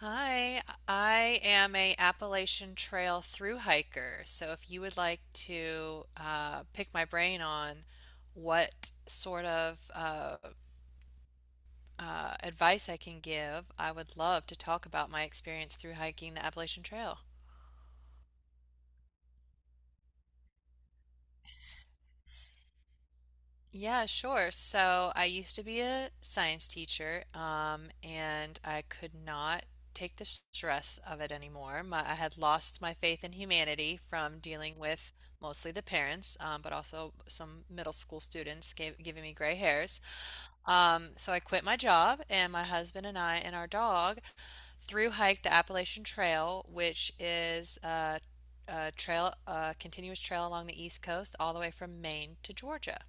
Hi, I am a Appalachian Trail through hiker. So if you would like to pick my brain on what sort of advice I can give, I would love to talk about my experience through hiking the Appalachian Trail. Yeah, sure. So I used to be a science teacher, and I could not take the stress of it anymore. I had lost my faith in humanity from dealing with mostly the parents, but also some middle school students giving me gray hairs. So I quit my job, and my husband and I and our dog through hiked the Appalachian Trail, which is a trail, a continuous trail along the East Coast, all the way from Maine to Georgia.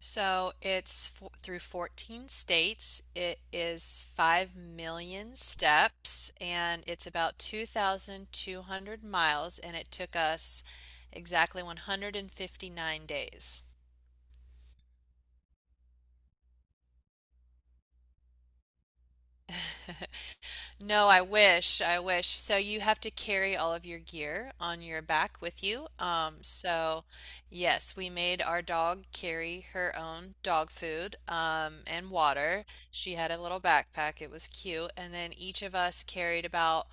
So it's fo through 14 states. It is 5 million steps and it's about 2,200 miles, and it took us exactly 159 days. No, I wish. I wish. So you have to carry all of your gear on your back with you. So yes, we made our dog carry her own dog food, and water. She had a little backpack. It was cute. And then each of us carried about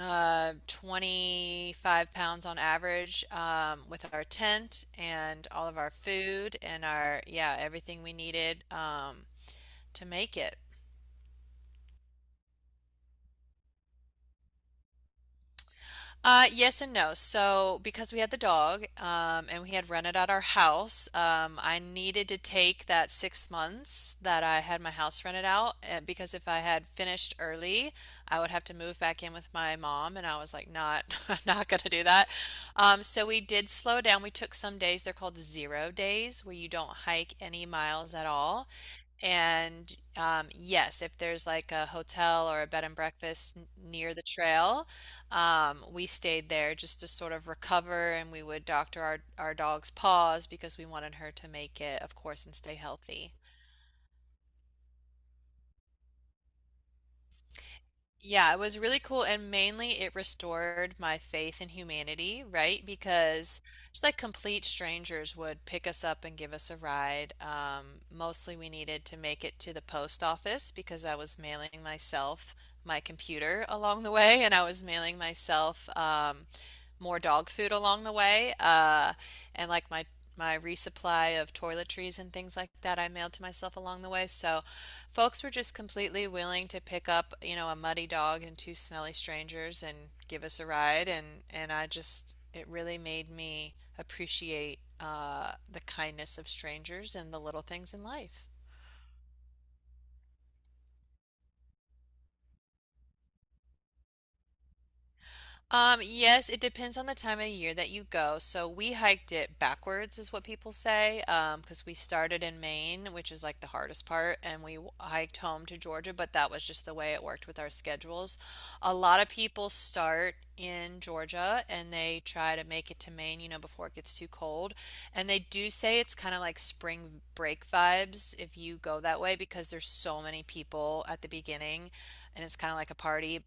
25 pounds on average, with our tent and all of our food and our, yeah, everything we needed, to make it. Yes and no. So, because we had the dog, and we had rented out our house, I needed to take that 6 months that I had my house rented out because if I had finished early, I would have to move back in with my mom, and I was like, not, I'm not gonna do that. So we did slow down. We took some days. They're called 0 days, where you don't hike any miles at all. And Yes, if there's like a hotel or a bed and breakfast near the trail, we stayed there just to sort of recover and we would doctor our dog's paws because we wanted her to make it, of course, and stay healthy. Yeah, it was really cool, and mainly it restored my faith in humanity, right? Because just like complete strangers would pick us up and give us a ride. Mostly we needed to make it to the post office because I was mailing myself my computer along the way, and I was mailing myself more dog food along the way. And like my resupply of toiletries and things like that I mailed to myself along the way. So folks were just completely willing to pick up, a muddy dog and two smelly strangers and give us a ride, and I just, it really made me appreciate the kindness of strangers and the little things in life. Yes, it depends on the time of year that you go. So we hiked it backwards, is what people say, because we started in Maine, which is like the hardest part, and we hiked home to Georgia, but that was just the way it worked with our schedules. A lot of people start in Georgia and they try to make it to Maine, you know, before it gets too cold. And they do say it's kind of like spring break vibes if you go that way because there's so many people at the beginning and it's kind of like a party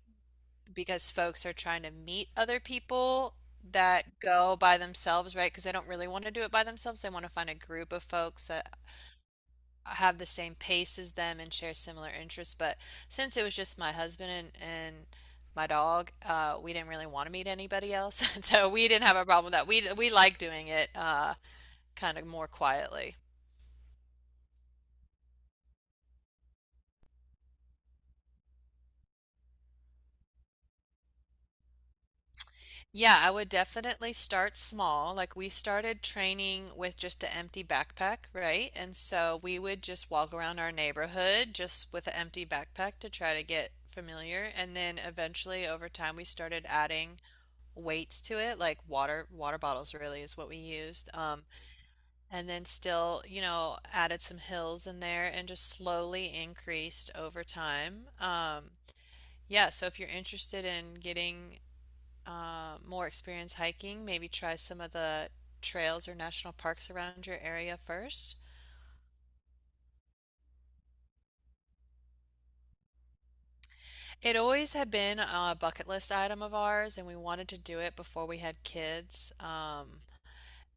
because folks are trying to meet other people that go by themselves, right? Because they don't really want to do it by themselves. They want to find a group of folks that have the same pace as them and share similar interests. But since it was just my husband and my dog, we didn't really want to meet anybody else. So we didn't have a problem with that. We like doing it kind of more quietly. Yeah, I would definitely start small. Like we started training with just an empty backpack, right? And so we would just walk around our neighborhood just with an empty backpack to try to get familiar. And then eventually over time we started adding weights to it, like water bottles really is what we used. And then still, you know, added some hills in there and just slowly increased over time. Yeah, so if you're interested in getting more experience hiking, maybe try some of the trails or national parks around your area first. It always had been a bucket list item of ours, and we wanted to do it before we had kids.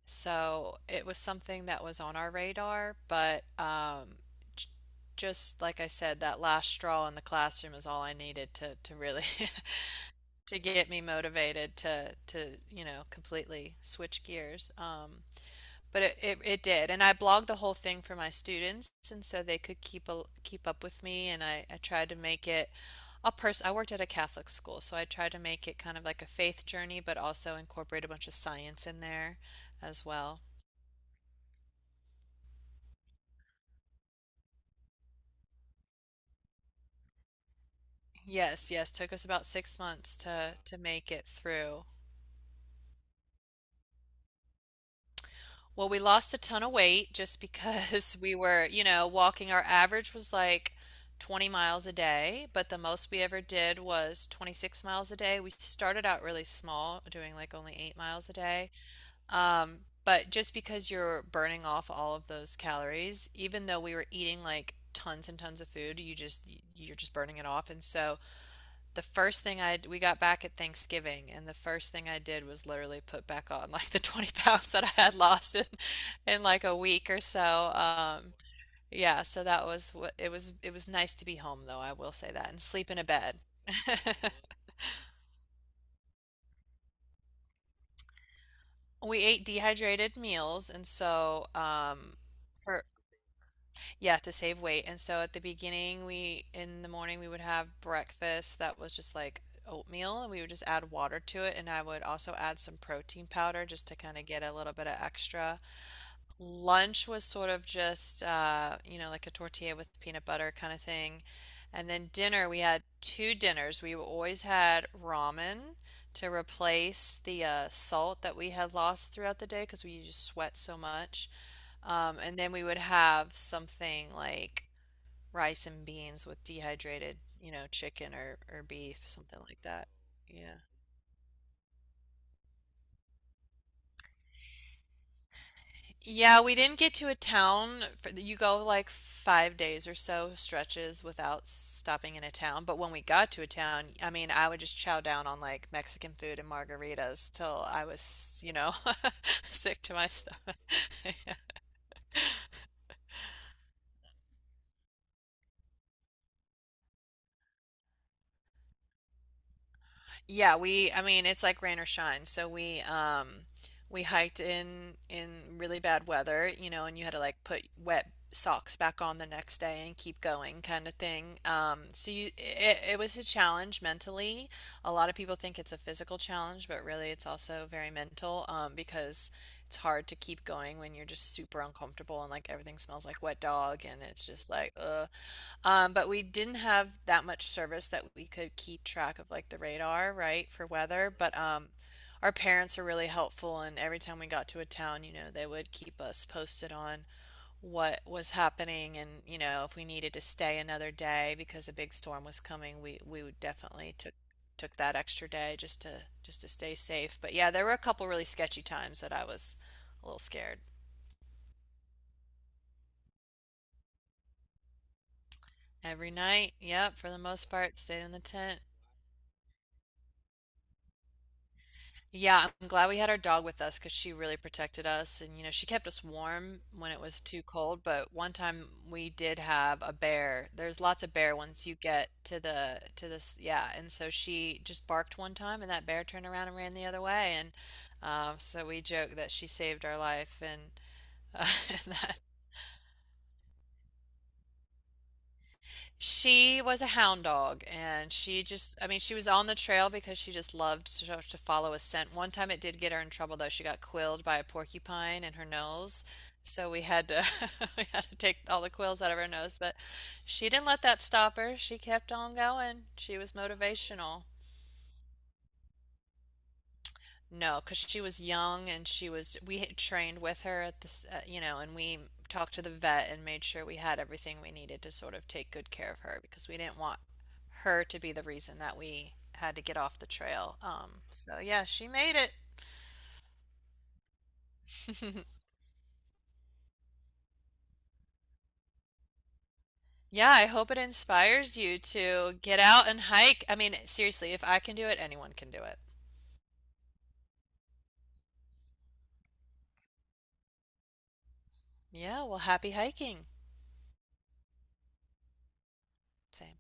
So it was something that was on our radar, but j- just like I said, that last straw in the classroom is all I needed to really to get me motivated to, you know, completely switch gears. But it did, and I blogged the whole thing for my students and so they could keep keep up with me, and I tried to make it a person, I worked at a Catholic school, so I tried to make it kind of like a faith journey but also incorporate a bunch of science in there as well. Yes, took us about 6 months to make it through. Well, we lost a ton of weight just because we were, you know, walking. Our average was like 20 miles a day, but the most we ever did was 26 miles a day. We started out really small, doing like only 8 miles a day. But just because you're burning off all of those calories, even though we were eating like tons and tons of food, you just, you're just burning it off. And so, the first thing I we got back at Thanksgiving, and the first thing I did was literally put back on like the 20 pounds that I had lost in like a week or so. Yeah, so that was what it was. It was nice to be home though, I will say that, and sleep in a bed. We ate dehydrated meals, and so for yeah, to save weight. And so at the beginning, we in the morning we would have breakfast that was just like oatmeal, and we would just add water to it, and I would also add some protein powder just to kind of get a little bit of extra. Lunch was sort of just you know, like a tortilla with peanut butter kind of thing. And then dinner, we had two dinners. We always had ramen to replace the salt that we had lost throughout the day because we just sweat so much. And then we would have something like rice and beans with dehydrated, you know, chicken or beef, something like that. Yeah. Yeah, we didn't get to a town for, you go like 5 days or so stretches without stopping in a town. But when we got to a town, I mean, I would just chow down on like Mexican food and margaritas till I was, you know, sick to my stomach. Yeah, I mean, it's like rain or shine. So we hiked in really bad weather, you know, and you had to like put wet socks back on the next day and keep going kind of thing. So you, it was a challenge mentally. A lot of people think it's a physical challenge, but really it's also very mental because it's hard to keep going when you're just super uncomfortable and like everything smells like wet dog and it's just like But we didn't have that much service that we could keep track of like the radar, right, for weather. But our parents were really helpful, and every time we got to a town, you know, they would keep us posted on what was happening, and you know, if we needed to stay another day because a big storm was coming, we would definitely took that extra day just to stay safe. But yeah, there were a couple really sketchy times that I was a little scared. Every night, yep, for the most part, stayed in the tent. Yeah, I'm glad we had our dog with us because she really protected us. And, you know, she kept us warm when it was too cold. But one time we did have a bear. There's lots of bear once you get to to this. Yeah. And so she just barked one time and that bear turned around and ran the other way. And So we joke that she saved our life. Uh, and that, She was a hound dog, and she just, I mean, she was on the trail because she just loved to follow a scent. One time it did get her in trouble, though. She got quilled by a porcupine in her nose. So we had to we had to take all the quills out of her nose, but she didn't let that stop her. She kept on going. She was motivational. No, because she was young and she was, we had trained with her at this, you know, and we talked to the vet and made sure we had everything we needed to sort of take good care of her because we didn't want her to be the reason that we had to get off the trail. So yeah, she made it. Yeah, I hope it inspires you to get out and hike. I mean, seriously, if I can do it, anyone can do it. Yeah, well, happy hiking. Same.